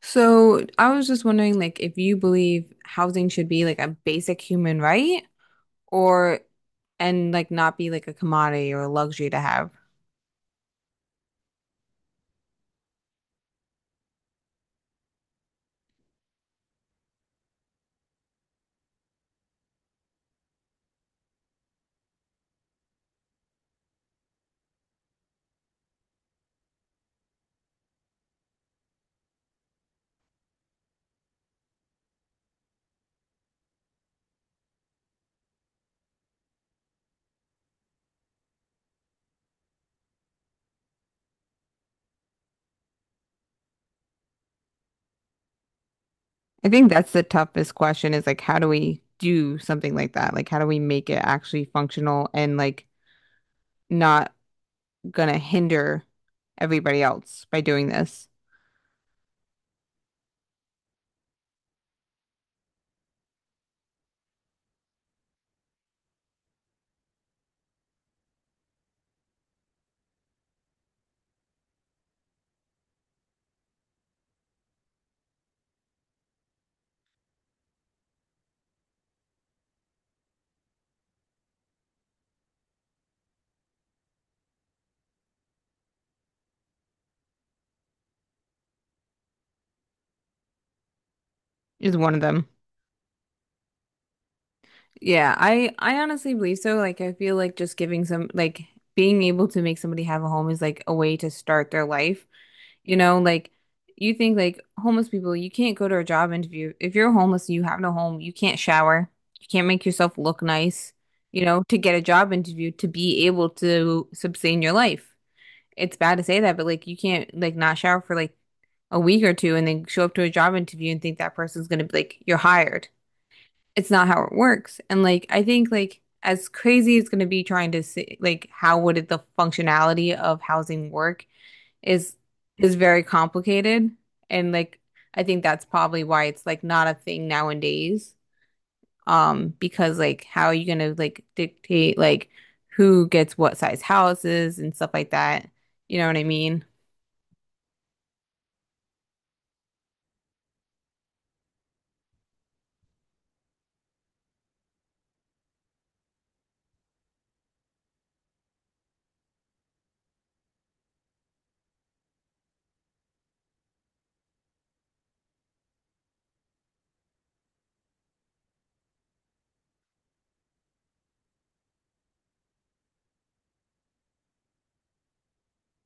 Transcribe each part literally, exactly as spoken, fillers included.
So I was just wondering, like, if you believe housing should be like a basic human right or and like not be like a commodity or a luxury to have. I think that's the toughest question is like, how do we do something like that? Like, how do we make it actually functional and like not gonna hinder everybody else by doing this? Is one of them. Yeah, I I honestly believe so. Like I feel like just giving some like being able to make somebody have a home is like a way to start their life. You know, like you think like homeless people, you can't go to a job interview. If you're homeless and you have no home, you can't shower. You can't make yourself look nice, you know, to get a job interview to be able to sustain your life. It's bad to say that, but like you can't like not shower for like a week or two and then show up to a job interview and think that person's gonna be like you're hired, it's not how it works. And like I think like as crazy as it's going to be trying to see like how would it, the functionality of housing work is is very complicated. And like I think that's probably why it's like not a thing nowadays. Um, because like how are you gonna like dictate like who gets what size houses and stuff like that? You know what I mean?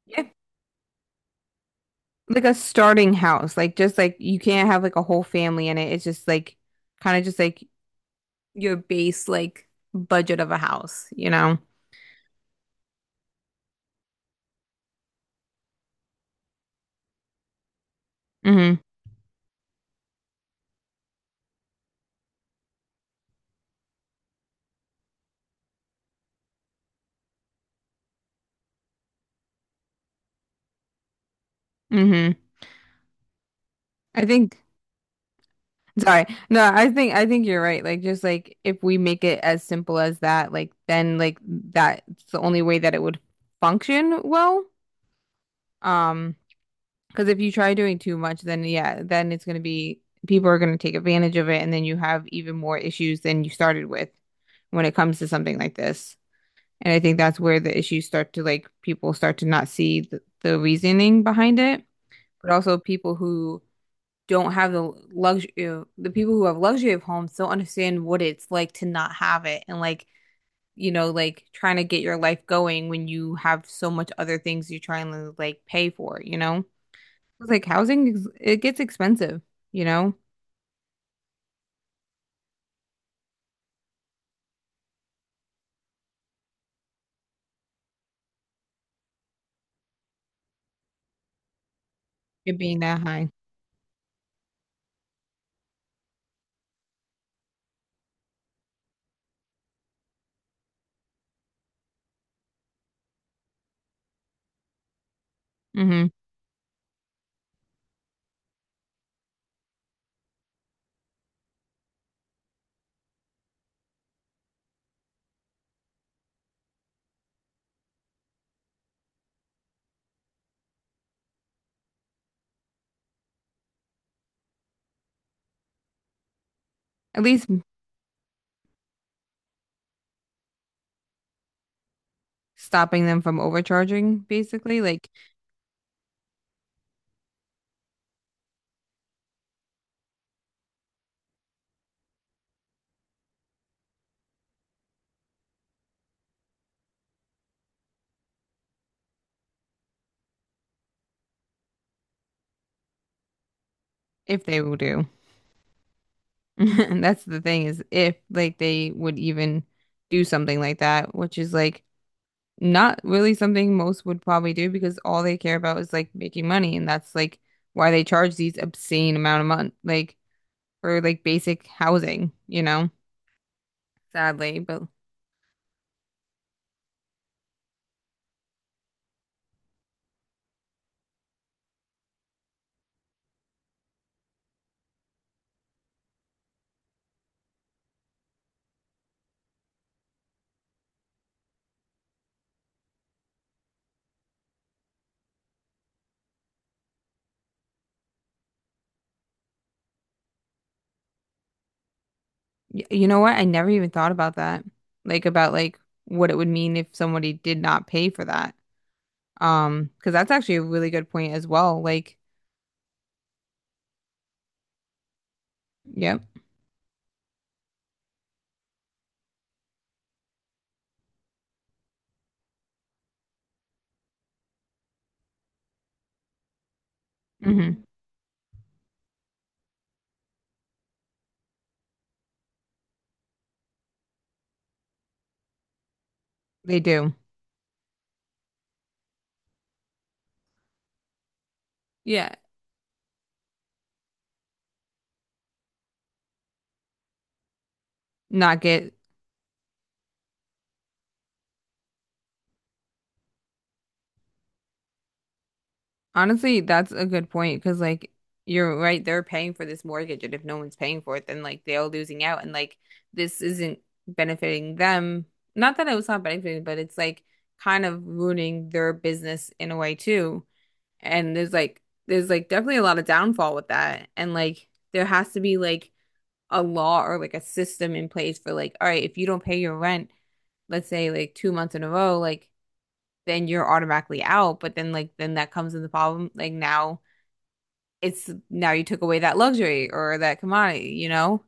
Yeah. Like a starting house. Like just like you can't have like a whole family in it. It's just like kind of just like your base like budget of a house, you know? Hmm. Hmm. I think, sorry. No, I think I think you're right. Like just like if we make it as simple as that, like then like that's the only way that it would function well. Um, because if you try doing too much, then yeah, then it's gonna be people are gonna take advantage of it and then you have even more issues than you started with when it comes to something like this. And I think that's where the issues start to like people start to not see the, the reasoning behind it, but also people who don't have the luxury, you know, the people who have luxury of homes don't understand what it's like to not have it and like, you know, like trying to get your life going when you have so much other things you're trying to like pay for, you know? It's like housing, is- it gets expensive, you know, it being that high. Hmm. At least stopping them from overcharging, basically, like if they will do. And that's the thing is if like they would even do something like that, which is like not really something most would probably do because all they care about is like making money and that's like why they charge these obscene amount of money like for like basic housing, you know, sadly. But y you know what? I never even thought about that. Like about like what it would mean if somebody did not pay for that. Um, because that's actually a really good point as well. Like, yep. Hmm. They do. Yeah. Not get. Honestly, that's a good point because, like, you're right, they're paying for this mortgage, and if no one's paying for it, then like they're all losing out, and like this isn't benefiting them. Not that it was not benefiting, but it's like kind of ruining their business in a way too. And there's like, there's like definitely a lot of downfall with that. And like, there has to be like a law or like a system in place for like, all right, if you don't pay your rent, let's say like two months in a row, like, then you're automatically out. But then like, then that comes in the problem. Like, now it's now you took away that luxury or that commodity, you know,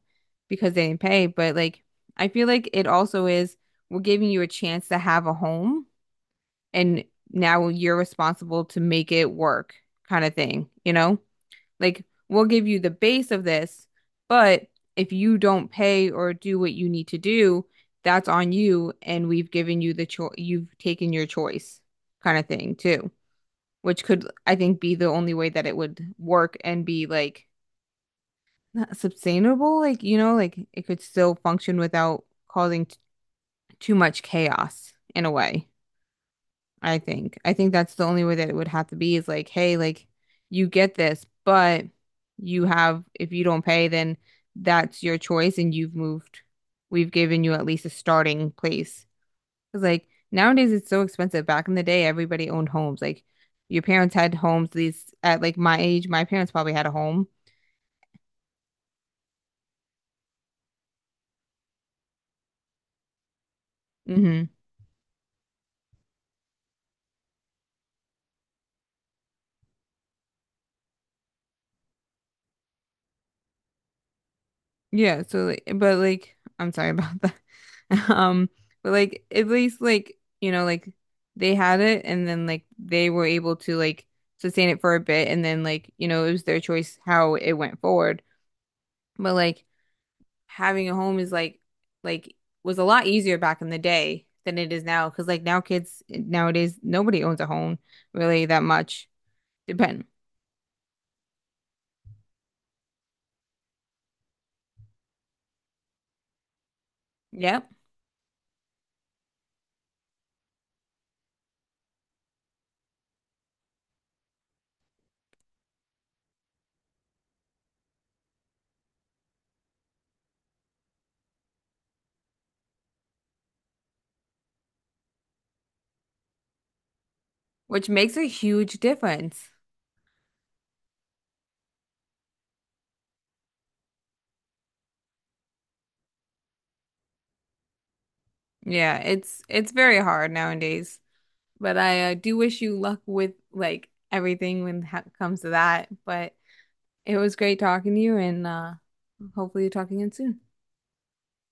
because they didn't pay. But like, I feel like it also is we're giving you a chance to have a home, and now you're responsible to make it work, kind of thing, you know? Like, we'll give you the base of this, but if you don't pay or do what you need to do, that's on you, and we've given you the choice, you've taken your choice, kind of thing, too. Which could, I think, be the only way that it would work and be like not sustainable, like you know, like it could still function without causing t too much chaos in a way, I think. I think that's the only way that it would have to be is like, hey, like you get this, but you have if you don't pay, then that's your choice and you've moved. We've given you at least a starting place. Cause like nowadays it's so expensive. Back in the day, everybody owned homes. Like your parents had homes, these at like my age, my parents probably had a home. Mm-hmm. Yeah, so like, but like, I'm sorry about that. Um, but like, at least like, you know, like they had it and then like they were able to like sustain it for a bit and then like, you know, it was their choice how it went forward. But like having a home is like like was a lot easier back in the day than it is now because like now kids nowadays nobody owns a home really that much. Depend. Yep. Which makes a huge difference. Yeah, it's it's very hard nowadays. But I uh, do wish you luck with like everything when it ha- comes to that. But it was great talking to you, and uh, hopefully, you're talking again soon.